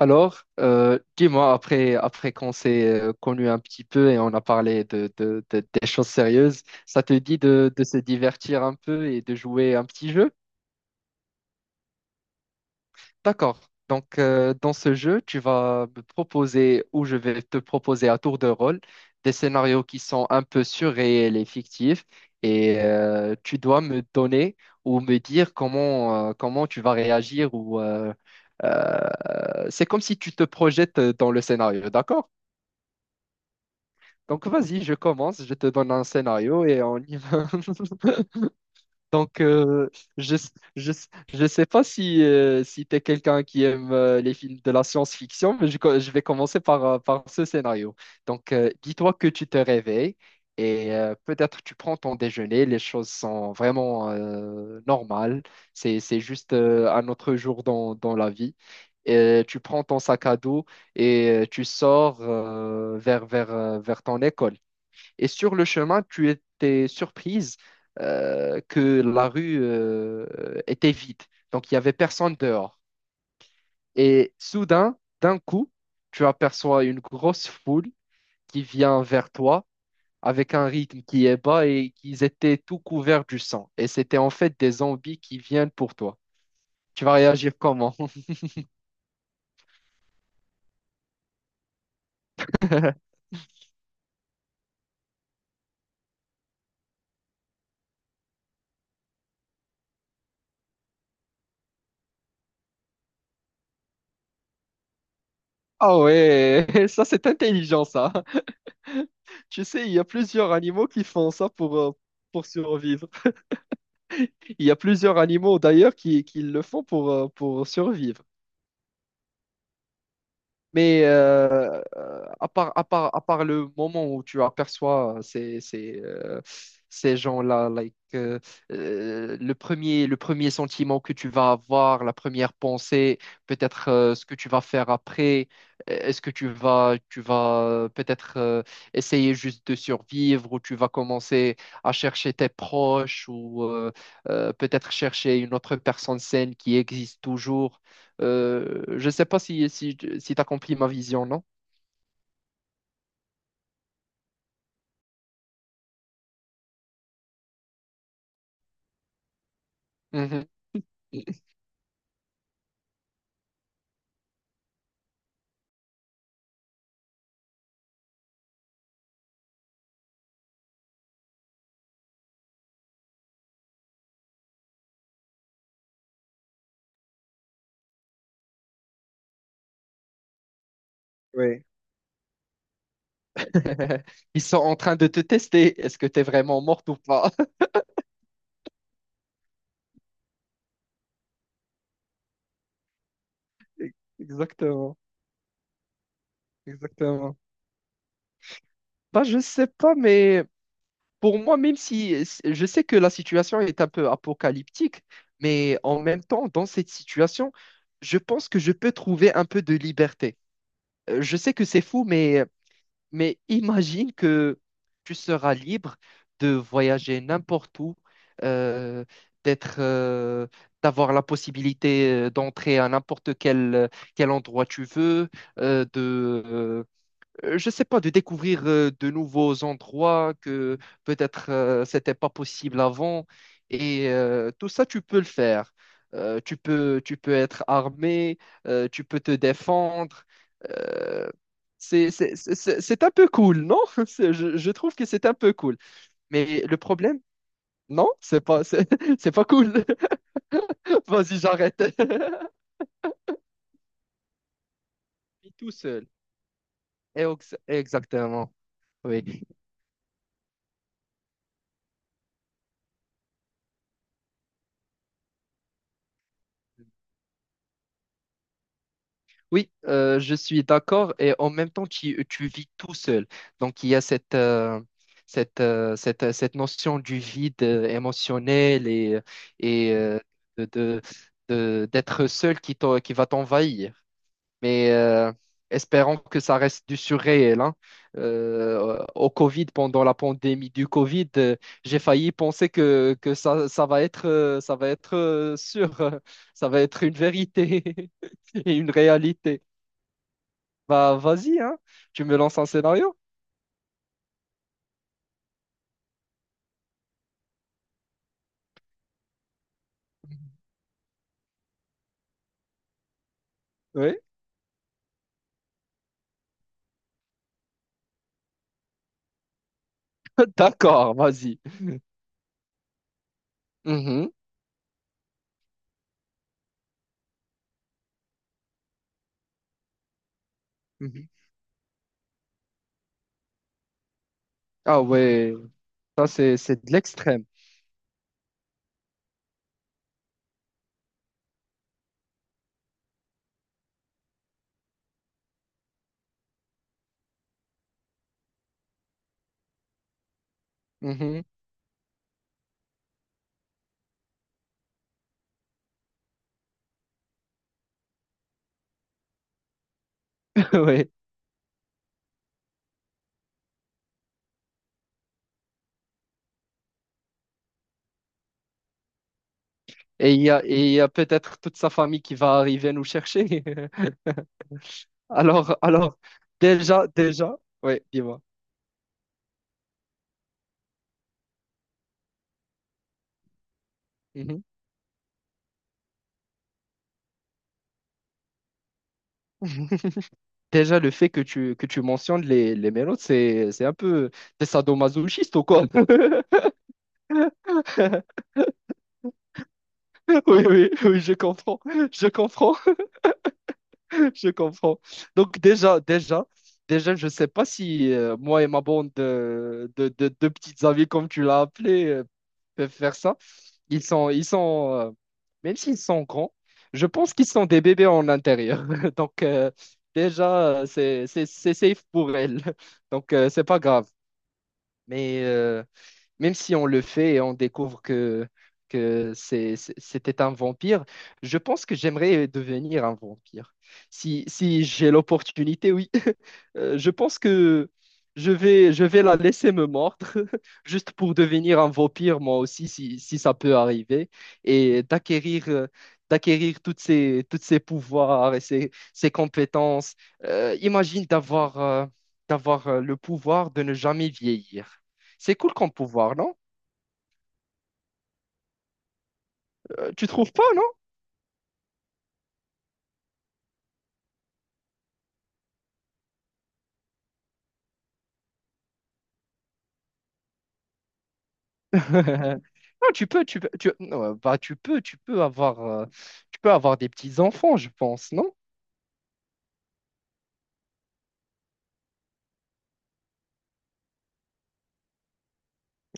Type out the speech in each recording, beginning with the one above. Alors, dis-moi, après qu'on s'est connu un petit peu et on a parlé de, des choses sérieuses, ça te dit de se divertir un peu et de jouer un petit jeu? D'accord. Donc, dans ce jeu, tu vas me proposer ou je vais te proposer à tour de rôle des scénarios qui sont un peu surréels et fictifs et tu dois me donner ou me dire comment, comment tu vas réagir ou euh, c'est comme si tu te projettes dans le scénario, d'accord? Donc vas-y, je commence, je te donne un scénario et on y va. Donc je je je sais pas si si tu es quelqu'un qui aime les films de la science-fiction, mais je, je vais commencer par par ce scénario. Donc dis-toi que tu te réveilles et peut-être tu prends ton déjeuner, les choses sont vraiment normales, c'est juste un autre jour dans la vie. Et tu prends ton sac à dos et tu sors vers ton école. Et sur le chemin, tu étais surprise que la rue était vide. Donc, il n'y avait personne dehors. Et soudain, d'un coup, tu aperçois une grosse foule qui vient vers toi avec un rythme qui est bas et qu'ils étaient tout couverts du sang. Et c'était en fait des zombies qui viennent pour toi. Tu vas réagir comment? Ah ouais, ça c'est intelligent ça. Tu sais, il y a plusieurs animaux qui font ça pour survivre. Il y a plusieurs animaux d'ailleurs qui le font pour survivre. Mais à part le moment où tu aperçois ces gens-là, like, le premier sentiment que tu vas avoir, la première pensée, peut-être ce que tu vas faire après, est-ce que tu vas, peut-être essayer juste de survivre ou tu vas commencer à chercher tes proches ou peut-être chercher une autre personne saine qui existe toujours. Je sais pas si tu accomplis ma vision, non? Mhm. Oui, ils sont en train de te tester. Est-ce que tu es vraiment morte ou pas? Exactement, exactement. Bah, je sais pas, mais pour moi, même si si, je sais que la situation est un peu apocalyptique, mais en même temps, dans cette situation, je pense que je peux trouver un peu de liberté. Je sais que c'est fou, mais imagine que tu seras libre de voyager n'importe où, euh, d'être, d'avoir la possibilité d'entrer à n'importe quel, quel endroit tu veux, euh, de, euh, je sais pas, de découvrir de nouveaux endroits que peut-être c'était pas possible avant. Et tout ça, tu peux le faire. Tu peux être armé, tu peux te défendre. Euh, c'est- un peu cool, non? C'est- je trouve que c'est un peu cool. Mais le problème, non, c'est pas, c'est, c'est pas cool. Vas-y, j'arrête. Tout seul. Et exactement. Oui. Oui, je suis d'accord. Et en même temps, tu vis tout seul. Donc, il y a cette, cette notion du vide émotionnel et de, de- d'être seul qui, qui va t'envahir. Mais espérons que ça reste du surréel, hein. Au Covid, pendant la pandémie du Covid, j'ai failli penser que, ça va être, sûr, ça va être une vérité et une réalité. Bah, vas-y, hein. Tu me lances un scénario? Oui. D'accord, vas-y. Mhm, mhm. Ah ouais, ça c'est de l'extrême. Mhm. Ouais. Et il y a, et il y a peut-être toute sa famille qui va arriver nous chercher. Alors, alors, déjà, déjà, ouais, dis-moi. Mhm. Déjà, le fait que tu mentionnes les mélodes, c'est un peu... T'es sadomasochiste ou quoi? Oui, je comprends. Je comprends. Je comprends. Donc déjà, déjà, déjà, je sais pas si moi et ma bande de, de petites amies, comme tu l'as appelé, peuvent faire ça. Ils sont, même s'ils sont grands, je pense qu'ils sont des bébés en intérieur. Donc déjà, c'est safe pour elles. Donc c'est pas grave. Mais même si on le fait et on découvre que c'était un vampire, je pense que j'aimerais devenir un vampire. Si j'ai l'opportunité, oui. Je pense que je vais la laisser me mordre, juste pour devenir un vampire, moi aussi, si ça peut arriver, et d'acquérir... d'acquérir toutes ces pouvoirs et ces compétences. Imagine d'avoir d'avoir le pouvoir de ne jamais vieillir. C'est cool comme pouvoir, non? Tu trouves pas, non? Non, tu peux, tu peux, tu, non, bah, tu peux avoir des petits enfants, je pense, non?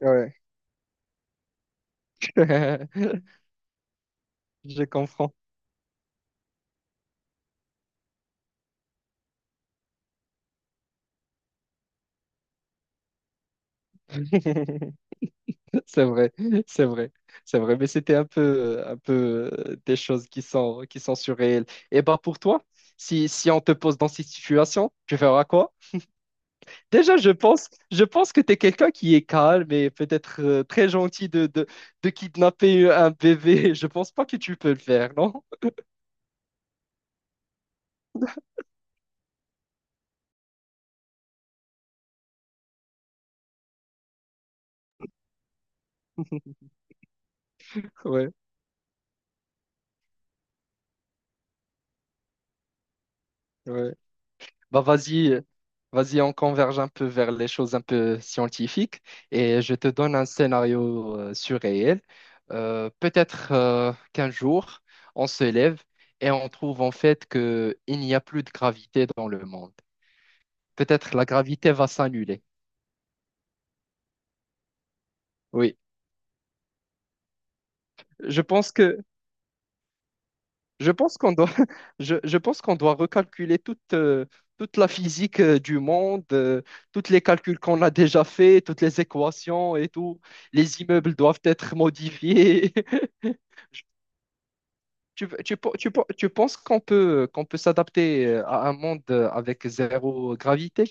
Ouais. Je comprends. C'est vrai, c'est vrai, c'est vrai. Mais c'était un peu, des choses qui sont surréelles. Et bah pour toi, si on te pose dans cette situation, tu feras quoi? Déjà, je pense que tu es quelqu'un qui est calme et peut-être très gentil de, de kidnapper un bébé. Je pense pas que tu peux le faire, non? Ouais, ouais. Bah vas-y, vas-y, on converge un peu vers les choses un peu scientifiques et je te donne un scénario surréel. Peut-être qu'un jour, on se lève et on trouve en fait que il n'y a plus de gravité dans le monde. Peut-être la gravité va s'annuler. Oui, je pense que je pense qu'on doit, je pense qu'on doit recalculer toute, toute la physique du monde, tous les calculs qu'on a déjà faits, toutes les équations et tout. Les immeubles doivent être modifiés. Tu penses qu'on peut s'adapter à un monde avec zéro gravité?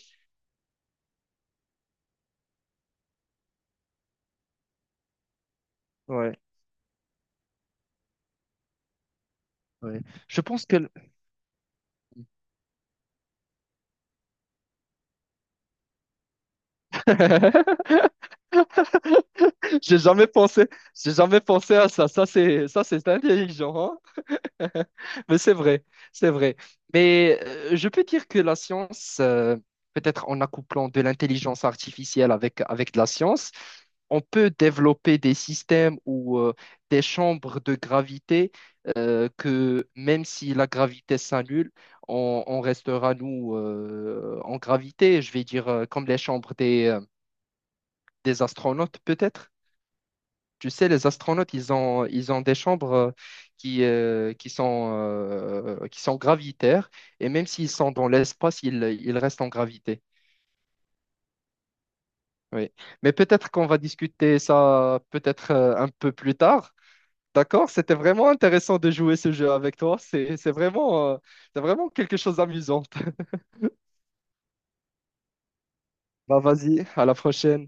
Ouais, ouais. Je pense que... le- J'ai jamais pensé, j'ai jamais pensé à ça. Ça, c'est intelligent, hein. Mais c'est vrai, c'est vrai. Mais je peux dire que la science, peut-être en accouplant de l'intelligence artificielle avec, avec de la science, on peut développer des systèmes ou des chambres de gravité que même si la gravité s'annule, on restera, nous, en gravité. Je vais dire comme les chambres des astronautes, peut-être. Tu sais, les astronautes, ils ont des chambres qui, qui sont gravitaires, et même s'ils sont dans l'espace, ils restent en gravité. Oui. Mais peut-être qu'on va discuter ça peut-être un peu plus tard. D'accord? C'était vraiment intéressant de jouer ce jeu avec toi. C'est vraiment quelque chose d'amusant. Bah, vas-y, à la prochaine.